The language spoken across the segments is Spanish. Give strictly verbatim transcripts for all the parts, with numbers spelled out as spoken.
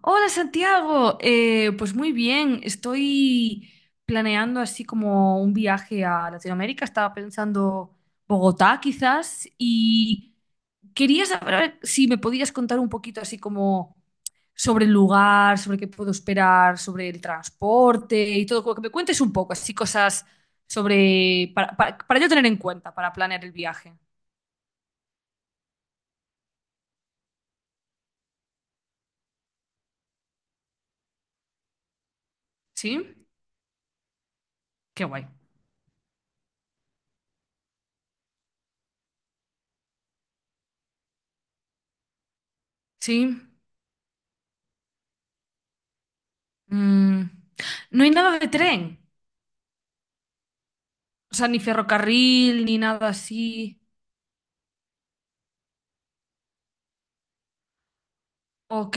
Hola Santiago. Eh, pues muy bien, estoy planeando así como un viaje a Latinoamérica, estaba pensando Bogotá quizás, y quería saber, a ver, si me podías contar un poquito así como sobre el lugar, sobre qué puedo esperar, sobre el transporte y todo, como que me cuentes un poco así cosas sobre, para, para, para yo tener en cuenta para planear el viaje. ¿Sí? Qué guay. ¿Sí? Mm, ¿No hay nada de tren? O sea, ni ferrocarril, ni nada así. Ok,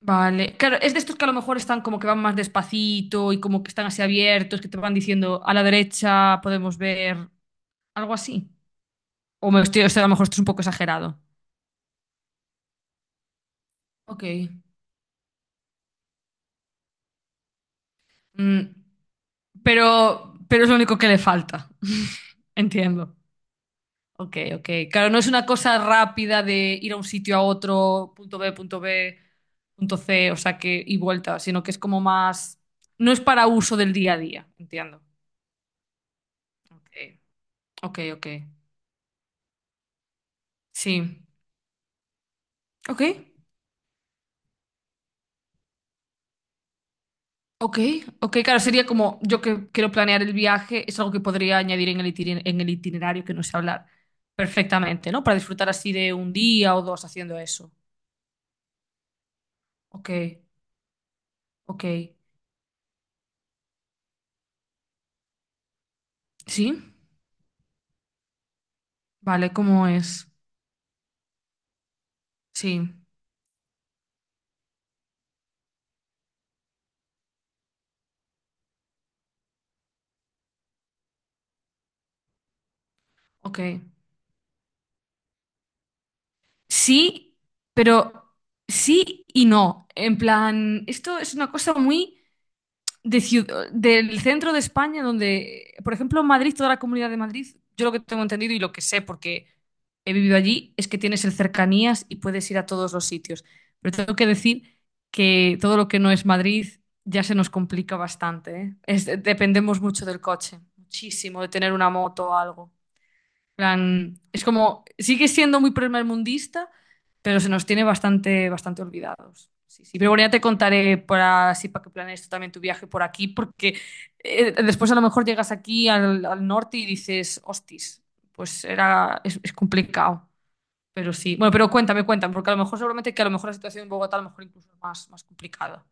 vale. Claro, es de estos que a lo mejor están como que van más despacito, y como que están así abiertos, que te van diciendo, a la derecha podemos ver algo así. O me estoy, o sea, a lo mejor esto es un poco exagerado. Ok. Mm, pero, pero es lo único que le falta. Entiendo. Ok, ok. Claro, no es una cosa rápida de ir a un sitio a otro, punto B, punto B, punto C, o sea que, y vuelta, sino que es como más. No es para uso del día a día, entiendo. Eh, Ok, ok. Sí. Ok, ok, ok. Claro, sería como yo que quiero planear el viaje, es algo que podría añadir en el itiner- en el itinerario, que no sé hablar perfectamente, ¿no? Para disfrutar así de un día o dos haciendo eso. Ok, ok. Sí, vale, ¿cómo es? Sí, ok. Sí, pero sí y no. En plan, esto es una cosa muy de ciud- del centro de España. Donde, por ejemplo, Madrid, toda la comunidad de Madrid, yo lo que tengo entendido y lo que sé porque he vivido allí es que tienes el cercanías y puedes ir a todos los sitios. Pero tengo que decir que todo lo que no es Madrid ya se nos complica bastante, ¿eh? Es- dependemos mucho del coche, muchísimo, de tener una moto o algo, plan, es como, sigue siendo muy primermundista, pero se nos tiene bastante, bastante olvidados. Sí, sí. Pero bueno, ya te contaré, para así para que planees tú también tu viaje por aquí, porque eh, después a lo mejor llegas aquí al, al norte y dices, hostis, pues era, es, es complicado. Pero sí. Bueno, pero cuéntame, cuéntame, porque a lo mejor seguramente que a lo mejor la situación en Bogotá a lo mejor incluso es más, más complicada.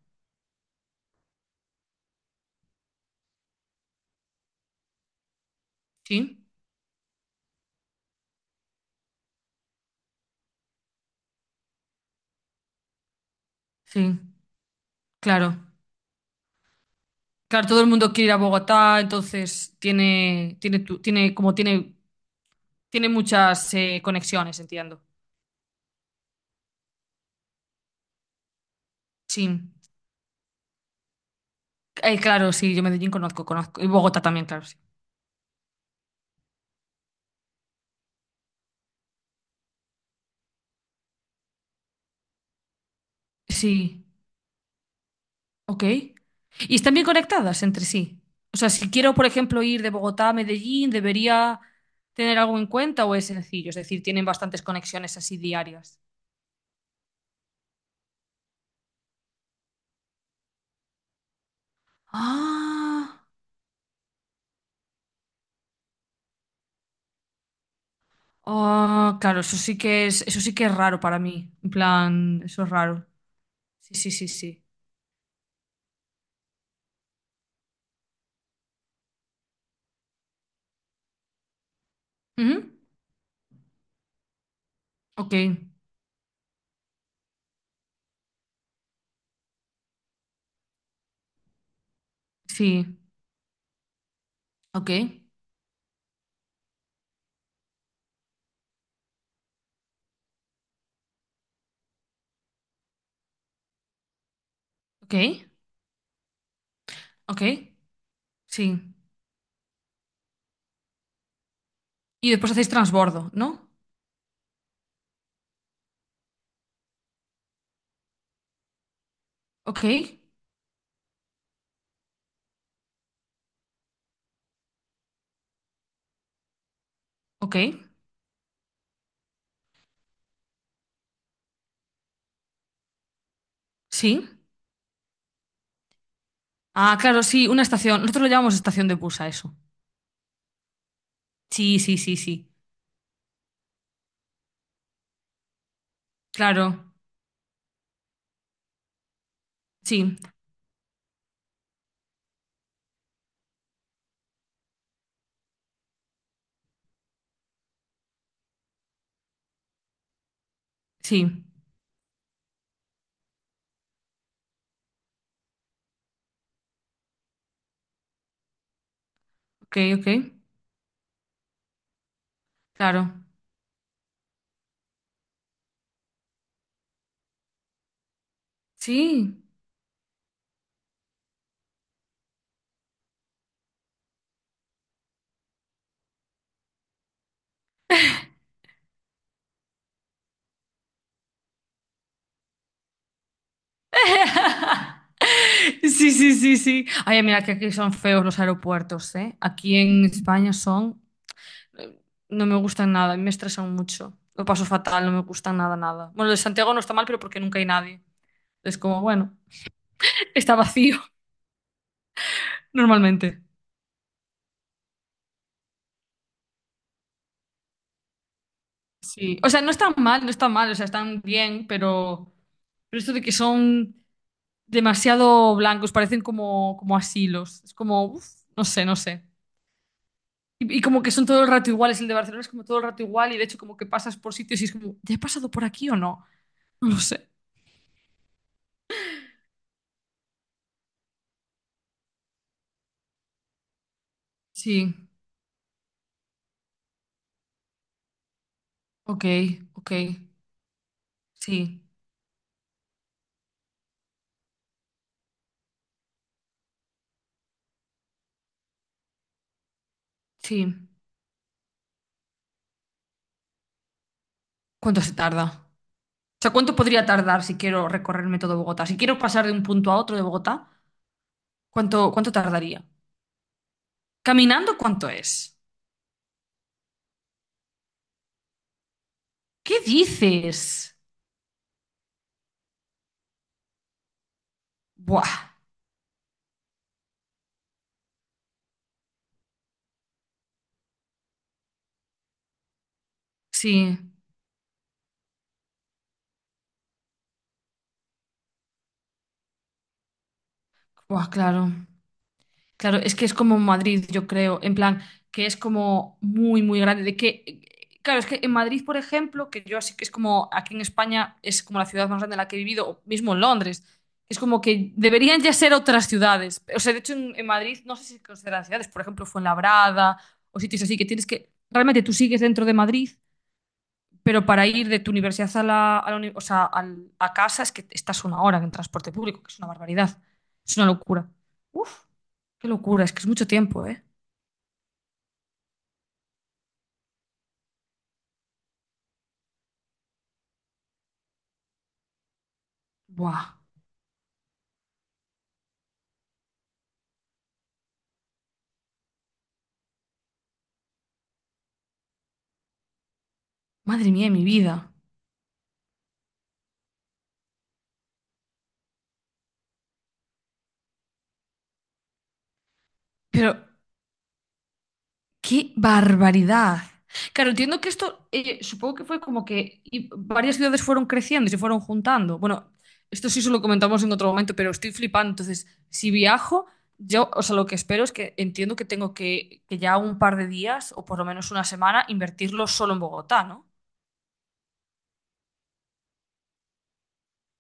Sí, sí, claro. Claro, todo el mundo quiere ir a Bogotá, entonces tiene, tiene, tu- tiene, como tiene, tiene muchas eh, conexiones, entiendo. Sí. Eh, claro, sí, yo Medellín conozco, conozco. Y Bogotá también, claro, sí. Sí, ok. ¿Y están bien conectadas entre sí? O sea, si quiero, por ejemplo, ir de Bogotá a Medellín, ¿debería tener algo en cuenta o es sencillo? Es decir, tienen bastantes conexiones así diarias. Ah, ah, claro, eso sí que es, eso sí que es raro para mí. En plan, eso es raro. Sí, sí, sí, sí. Ujú. Ok, sí, ok, ok, ok, sí. Y después hacéis transbordo, ¿no? Ok, ok, sí. Ah, claro, sí, una estación. Nosotros lo llamamos estación de bus a eso. Sí, sí, sí, sí. Claro, sí, sí. Ok, ok, claro. Sí. Sí, sí, sí, sí. Ay, mira que aquí son feos los aeropuertos, ¿eh? Aquí en España son, eh, no me gustan nada, me estresan mucho. Lo paso fatal, no me gustan nada, nada. Bueno, el de Santiago no está mal, pero porque nunca hay nadie. Es como, bueno, está vacío normalmente. Sí, o sea, no están mal, no están mal, o sea, están bien, pero, pero, esto de que son demasiado blancos, parecen como, como asilos. Es como, uf, no sé, no sé. Y, y como que son todo el rato iguales, el de Barcelona es como todo el rato igual, y de hecho como que pasas por sitios y es como, ¿ya he pasado por aquí o no? No lo sé. Sí, ok, ok, sí, sí. ¿Cuánto se tarda? O sea, ¿cuánto podría tardar si quiero recorrerme todo Bogotá? Si quiero pasar de un punto a otro de Bogotá, ¿cuánto, cuánto tardaría? ¿Caminando cuánto es? ¿Qué dices? Buah, sí, buah, claro. Claro, es que es como Madrid, yo creo, en plan, que es como muy, muy grande. De que, claro, es que en Madrid, por ejemplo, que yo así que es como aquí en España, es como la ciudad más grande en la que he vivido, o mismo en Londres, es como que deberían ya ser otras ciudades. O sea, de hecho, en, en Madrid no sé si consideran ciudades, por ejemplo, Fuenlabrada o sitios así, que tienes que, realmente tú sigues dentro de Madrid, pero para ir de tu universidad a la, a la uni- o sea, al- a casa, es que estás una hora en transporte público, que es una barbaridad. Es una locura. Uf, qué locura, es que es mucho tiempo, ¿eh? Buah, madre mía de mi vida. Pero ¡qué barbaridad! Claro, entiendo que esto, eh, supongo que fue como que, y varias ciudades fueron creciendo y se fueron juntando. Bueno, esto sí se lo comentamos en otro momento, pero estoy flipando. Entonces, si viajo, yo, o sea, lo que espero es que entiendo que tengo que, que ya un par de días o por lo menos una semana invertirlo solo en Bogotá, ¿no?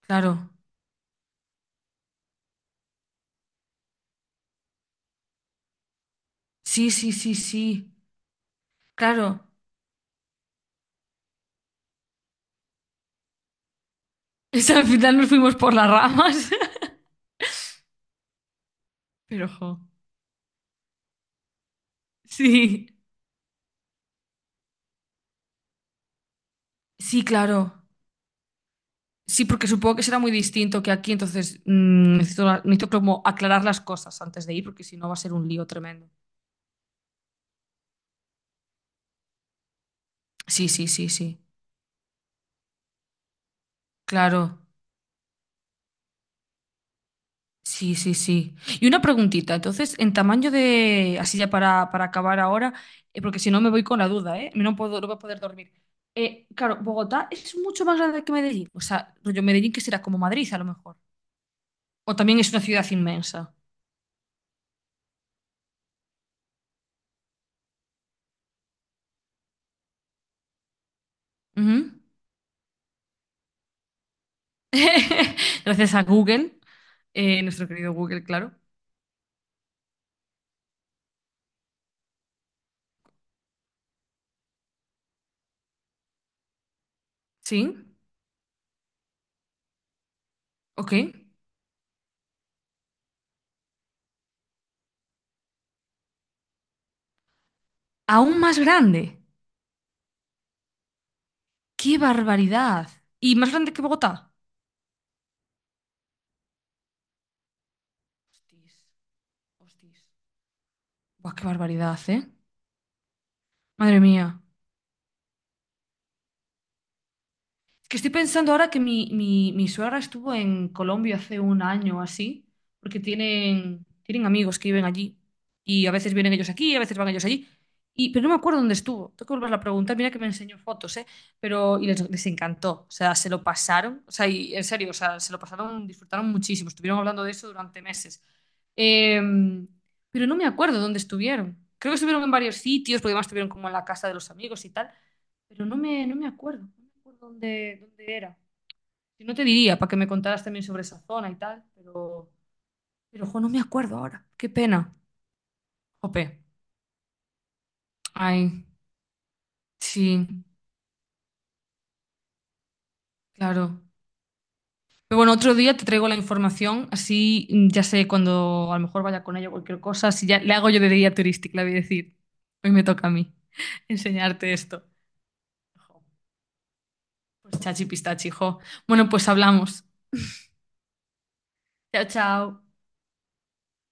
Claro. Sí, sí, sí, sí. Claro. Es, al final nos fuimos por las ramas. Pero, jo. Sí. Sí, claro. Sí, porque supongo que será muy distinto que aquí, entonces mm, necesito, necesito como aclarar las cosas antes de ir, porque si no va a ser un lío tremendo. Sí, sí, sí, sí. Claro. Sí, sí, sí. Y una preguntita, entonces, en tamaño de, así ya para, para, acabar ahora, eh, porque si no me voy con la duda, ¿eh? No puedo, no voy a poder dormir. Eh, claro, Bogotá es mucho más grande que Medellín. O sea, rollo Medellín que será como Madrid a lo mejor. O también es una ciudad inmensa. Ujú. Gracias a Google, eh, nuestro querido Google, claro. Sí. Ok. Aún más grande. ¡Qué barbaridad! ¿Y más grande que Bogotá? Hostis, hostis. Buah, qué barbaridad, ¿eh? Madre mía. Es que estoy pensando ahora que mi, mi, mi suegra estuvo en Colombia hace un año o así, porque tienen, tienen amigos que viven allí. Y a veces vienen ellos aquí, a veces van ellos allí. Y, pero no me acuerdo dónde estuvo. Tengo que volverla a preguntar. Mira que me enseñó fotos, ¿eh? Pero, y les, les encantó. O sea, se lo pasaron. O sea, y en serio, o sea, se lo pasaron, disfrutaron muchísimo. Estuvieron hablando de eso durante meses. Em, pero no me acuerdo dónde estuvieron. Creo que estuvieron en varios sitios, porque además estuvieron como en la casa de los amigos y tal, pero no me, no me acuerdo, no me acuerdo dónde, dónde era. Si no te diría, para que me contaras también sobre esa zona y tal, pero, pero, jo, no me acuerdo ahora. Qué pena. Jope. Ay, sí, claro. Pero bueno, otro día te traigo la información, así mm, ya sé, cuando a lo mejor vaya con ella o cualquier cosa, si ya le hago yo de guía turística, le voy a decir, hoy me toca a mí enseñarte esto. Jo. Pues chachi pistachi, jo. Bueno, pues hablamos. Chao, chao.